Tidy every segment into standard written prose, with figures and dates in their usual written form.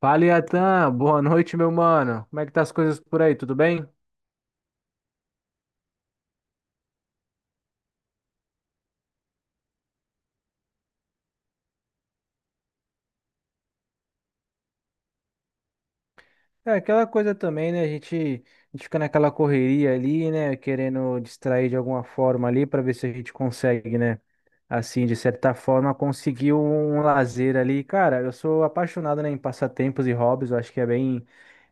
Fala, Iatan. Boa noite, meu mano. Como é que tá as coisas por aí? Tudo bem? É, aquela coisa também, né? A gente fica naquela correria ali, né? Querendo distrair de alguma forma ali para ver se a gente consegue, né? Assim, de certa forma, conseguir um lazer ali. Cara, eu sou apaixonado, né, em passatempos e hobbies. Eu acho que é bem,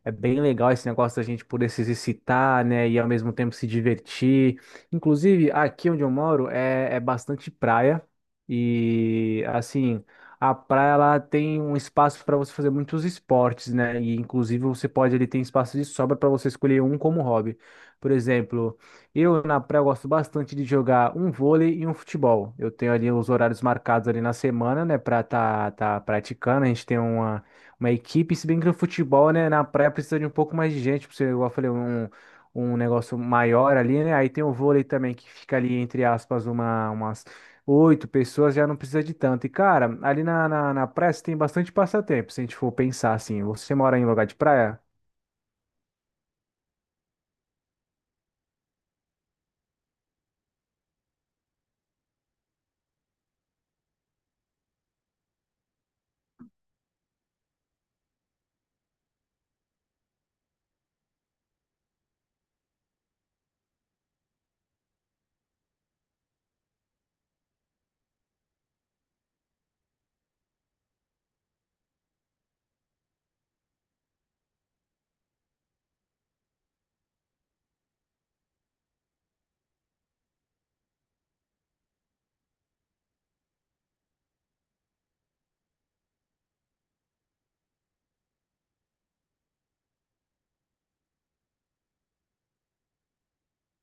É bem legal esse negócio da gente poder se exercitar, né, e ao mesmo tempo se divertir. Inclusive, aqui onde eu moro é bastante praia e, assim, a praia ela tem um espaço para você fazer muitos esportes, né, e inclusive você pode, ele tem espaço de sobra para você escolher um como hobby. Por exemplo, eu na praia eu gosto bastante de jogar um vôlei e um futebol. Eu tenho ali os horários marcados ali na semana, né, para tá praticando. A gente tem uma equipe, se bem que no futebol, né, na praia precisa de um pouco mais de gente, pra você, igual eu falei, um negócio maior ali, né? Aí tem o vôlei também, que fica ali, entre aspas, umas 8 pessoas, já não precisa de tanto. E, cara, ali na praia você tem bastante passatempo, se a gente for pensar assim. Você mora em lugar de praia?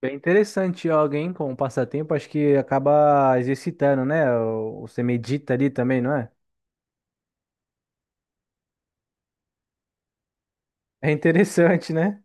Bem interessante alguém com passatempo, acho que acaba exercitando, né? Você medita ali também, não é? É interessante, né?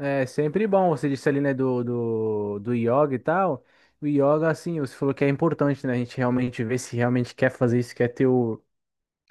É sempre bom, você disse ali, né, do yoga e tal. O yoga, assim, você falou que é importante, né? A gente realmente ver se realmente quer fazer isso, quer ter o,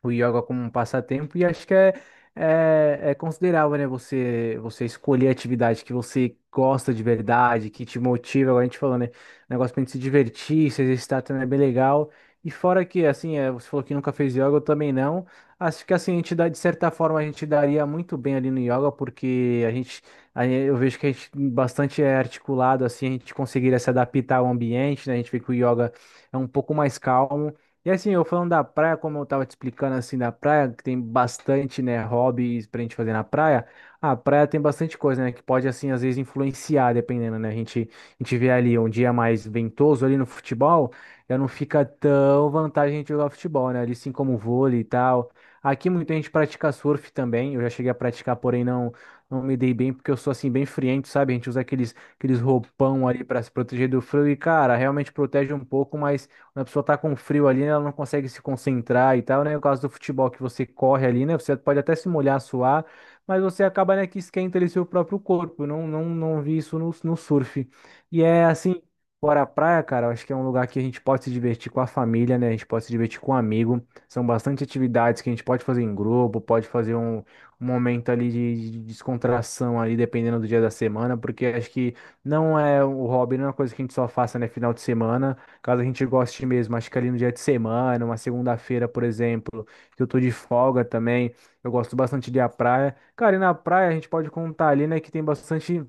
o yoga como um passatempo e acho que é considerável, né? Você escolher a atividade que você gosta de verdade, que te motiva, agora a gente falou, né? Um negócio pra gente se divertir, se exercitar também é bem legal. E fora que, assim, é, você falou que nunca fez yoga, eu também não. Acho que, assim, a gente dá, de certa forma, a gente daria muito bem ali no yoga, porque eu vejo que a gente bastante é articulado, assim, a gente conseguiria se adaptar ao ambiente, né? A gente vê que o yoga é um pouco mais calmo, e assim, eu falando da praia, como eu tava te explicando assim da praia, que tem bastante, né, hobbies pra gente fazer na praia. A praia tem bastante coisa, né, que pode assim às vezes influenciar, dependendo, né? A gente vê ali um dia mais ventoso ali no futebol, já não fica tão vantagem a gente jogar futebol, né? Ali sim como vôlei e tal. Aqui muita gente pratica surf também. Eu já cheguei a praticar, porém não me dei bem porque eu sou assim bem friento, sabe? A gente usa aqueles roupão ali pra se proteger do frio e cara, realmente protege um pouco, mas quando a pessoa tá com frio ali, ela não consegue se concentrar e tal, né? No caso do futebol que você corre ali, né? Você pode até se molhar, suar, mas você acaba, né, que esquenta ali seu próprio corpo. Eu não vi isso no surf. E é assim, fora a praia, cara, eu acho que é um lugar que a gente pode se divertir com a família, né? A gente pode se divertir com um amigo. São bastante atividades que a gente pode fazer em grupo, pode fazer um momento ali de descontração ali, dependendo do dia da semana, porque acho que não é o hobby, não é uma coisa que a gente só faça, né, final de semana. Caso a gente goste mesmo, acho que ali no dia de semana, uma segunda-feira, por exemplo, que eu tô de folga também, eu gosto bastante de ir à praia. Cara, e na praia a gente pode contar ali, né, que tem bastante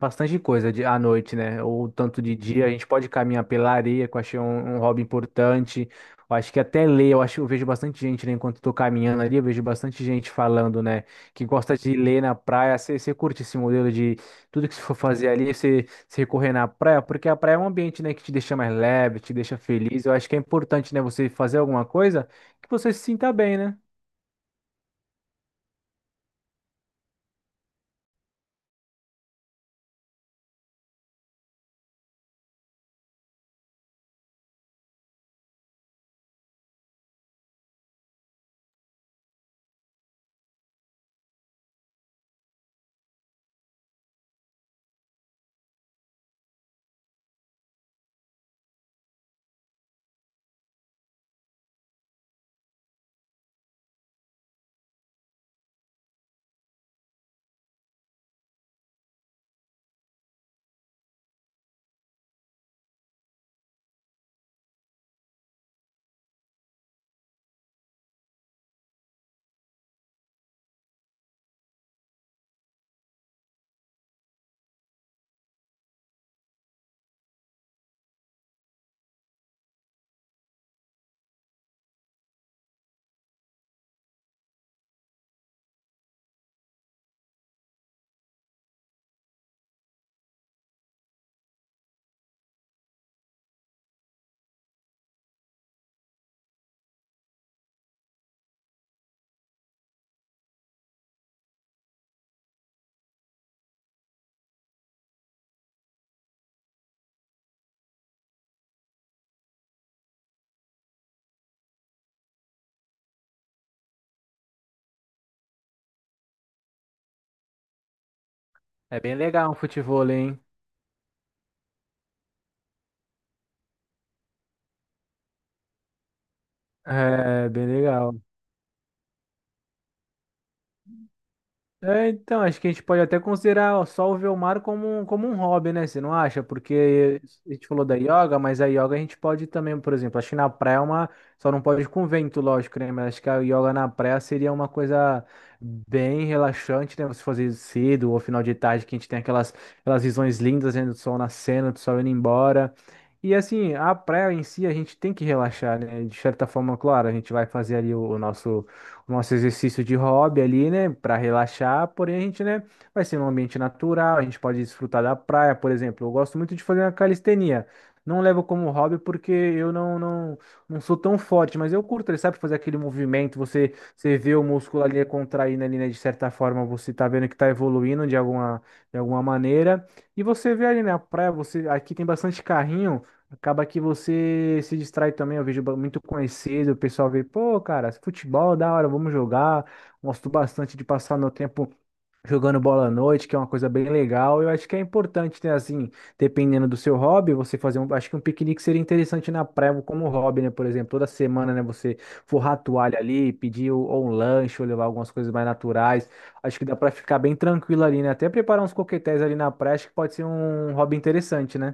bastante coisa de, à noite, né? Ou tanto de dia, a gente pode caminhar pela areia, que eu achei um hobby importante. Eu acho que até ler, eu acho, eu vejo bastante gente, né, enquanto eu tô caminhando ali, eu vejo bastante gente falando, né, que gosta de ler na praia. Você curte esse modelo de tudo que você for fazer ali, você se correr na praia, porque a praia é um ambiente, né, que te deixa mais leve, te deixa feliz. Eu acho que é importante, né, você fazer alguma coisa que você se sinta bem, né? É bem legal um futevôlei, hein? É, bem legal. É, então, acho que a gente pode até considerar só o Velmar como, como um hobby, né? Você não acha? Porque a gente falou da yoga, mas a yoga a gente pode também, por exemplo, acho que na praia é uma. Só não pode com vento, lógico, né? Mas acho que a yoga na praia seria uma coisa bem relaxante, né? Você fazer cedo ou final de tarde, que a gente tem aquelas visões lindas, né? Do sol nascendo, do sol indo embora. E assim, a praia em si a gente tem que relaxar, né? De certa forma, claro, a gente vai fazer ali o nosso exercício de hobby ali, né, para relaxar, porém a gente, né, vai ser num ambiente natural, a gente pode desfrutar da praia, por exemplo. Eu gosto muito de fazer uma calistenia. Não levo como hobby porque eu não sou tão forte, mas eu curto, ele sabe fazer aquele movimento, você vê o músculo ali contraindo ali, né, de certa forma, você tá vendo que tá evoluindo de alguma maneira. E você vê ali na praia, você aqui tem bastante carrinho. Acaba que você se distrai também. Eu vejo muito conhecido, o pessoal vê, pô, cara, futebol, da hora, vamos jogar. Gosto bastante de passar meu tempo jogando bola à noite, que é uma coisa bem legal. Eu acho que é importante, né, assim, dependendo do seu hobby, você fazer um. Acho que um piquenique seria interessante na praia como hobby, né? Por exemplo, toda semana, né, você forrar a toalha ali, pedir ou um lanche, ou levar algumas coisas mais naturais. Acho que dá pra ficar bem tranquilo ali, né? Até preparar uns coquetéis ali na praia, acho que pode ser um hobby interessante, né?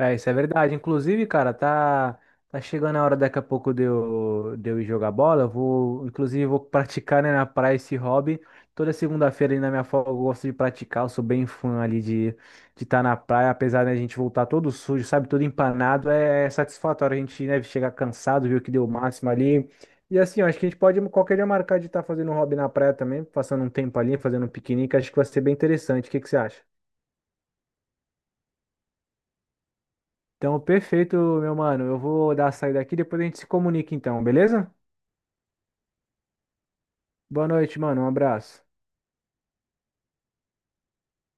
É, isso é verdade. Inclusive, cara, tá chegando a hora daqui a pouco de eu ir jogar bola. Eu vou, inclusive, vou praticar, né, na praia esse hobby. Toda segunda-feira ali na minha folga eu gosto de praticar. Eu sou bem fã ali de estar na praia, apesar da gente voltar todo sujo, sabe, todo empanado. É satisfatório a gente, né, chegar cansado, ver o que deu o máximo ali. E assim, eu acho que a gente pode qualquer dia marcar de estar fazendo um hobby na praia também, passando um tempo ali, fazendo um piquenique. Acho que vai ser bem interessante. O que que você acha? Então, perfeito, meu mano. Eu vou dar a saída aqui, depois a gente se comunica então, beleza? Boa noite, mano. Um abraço.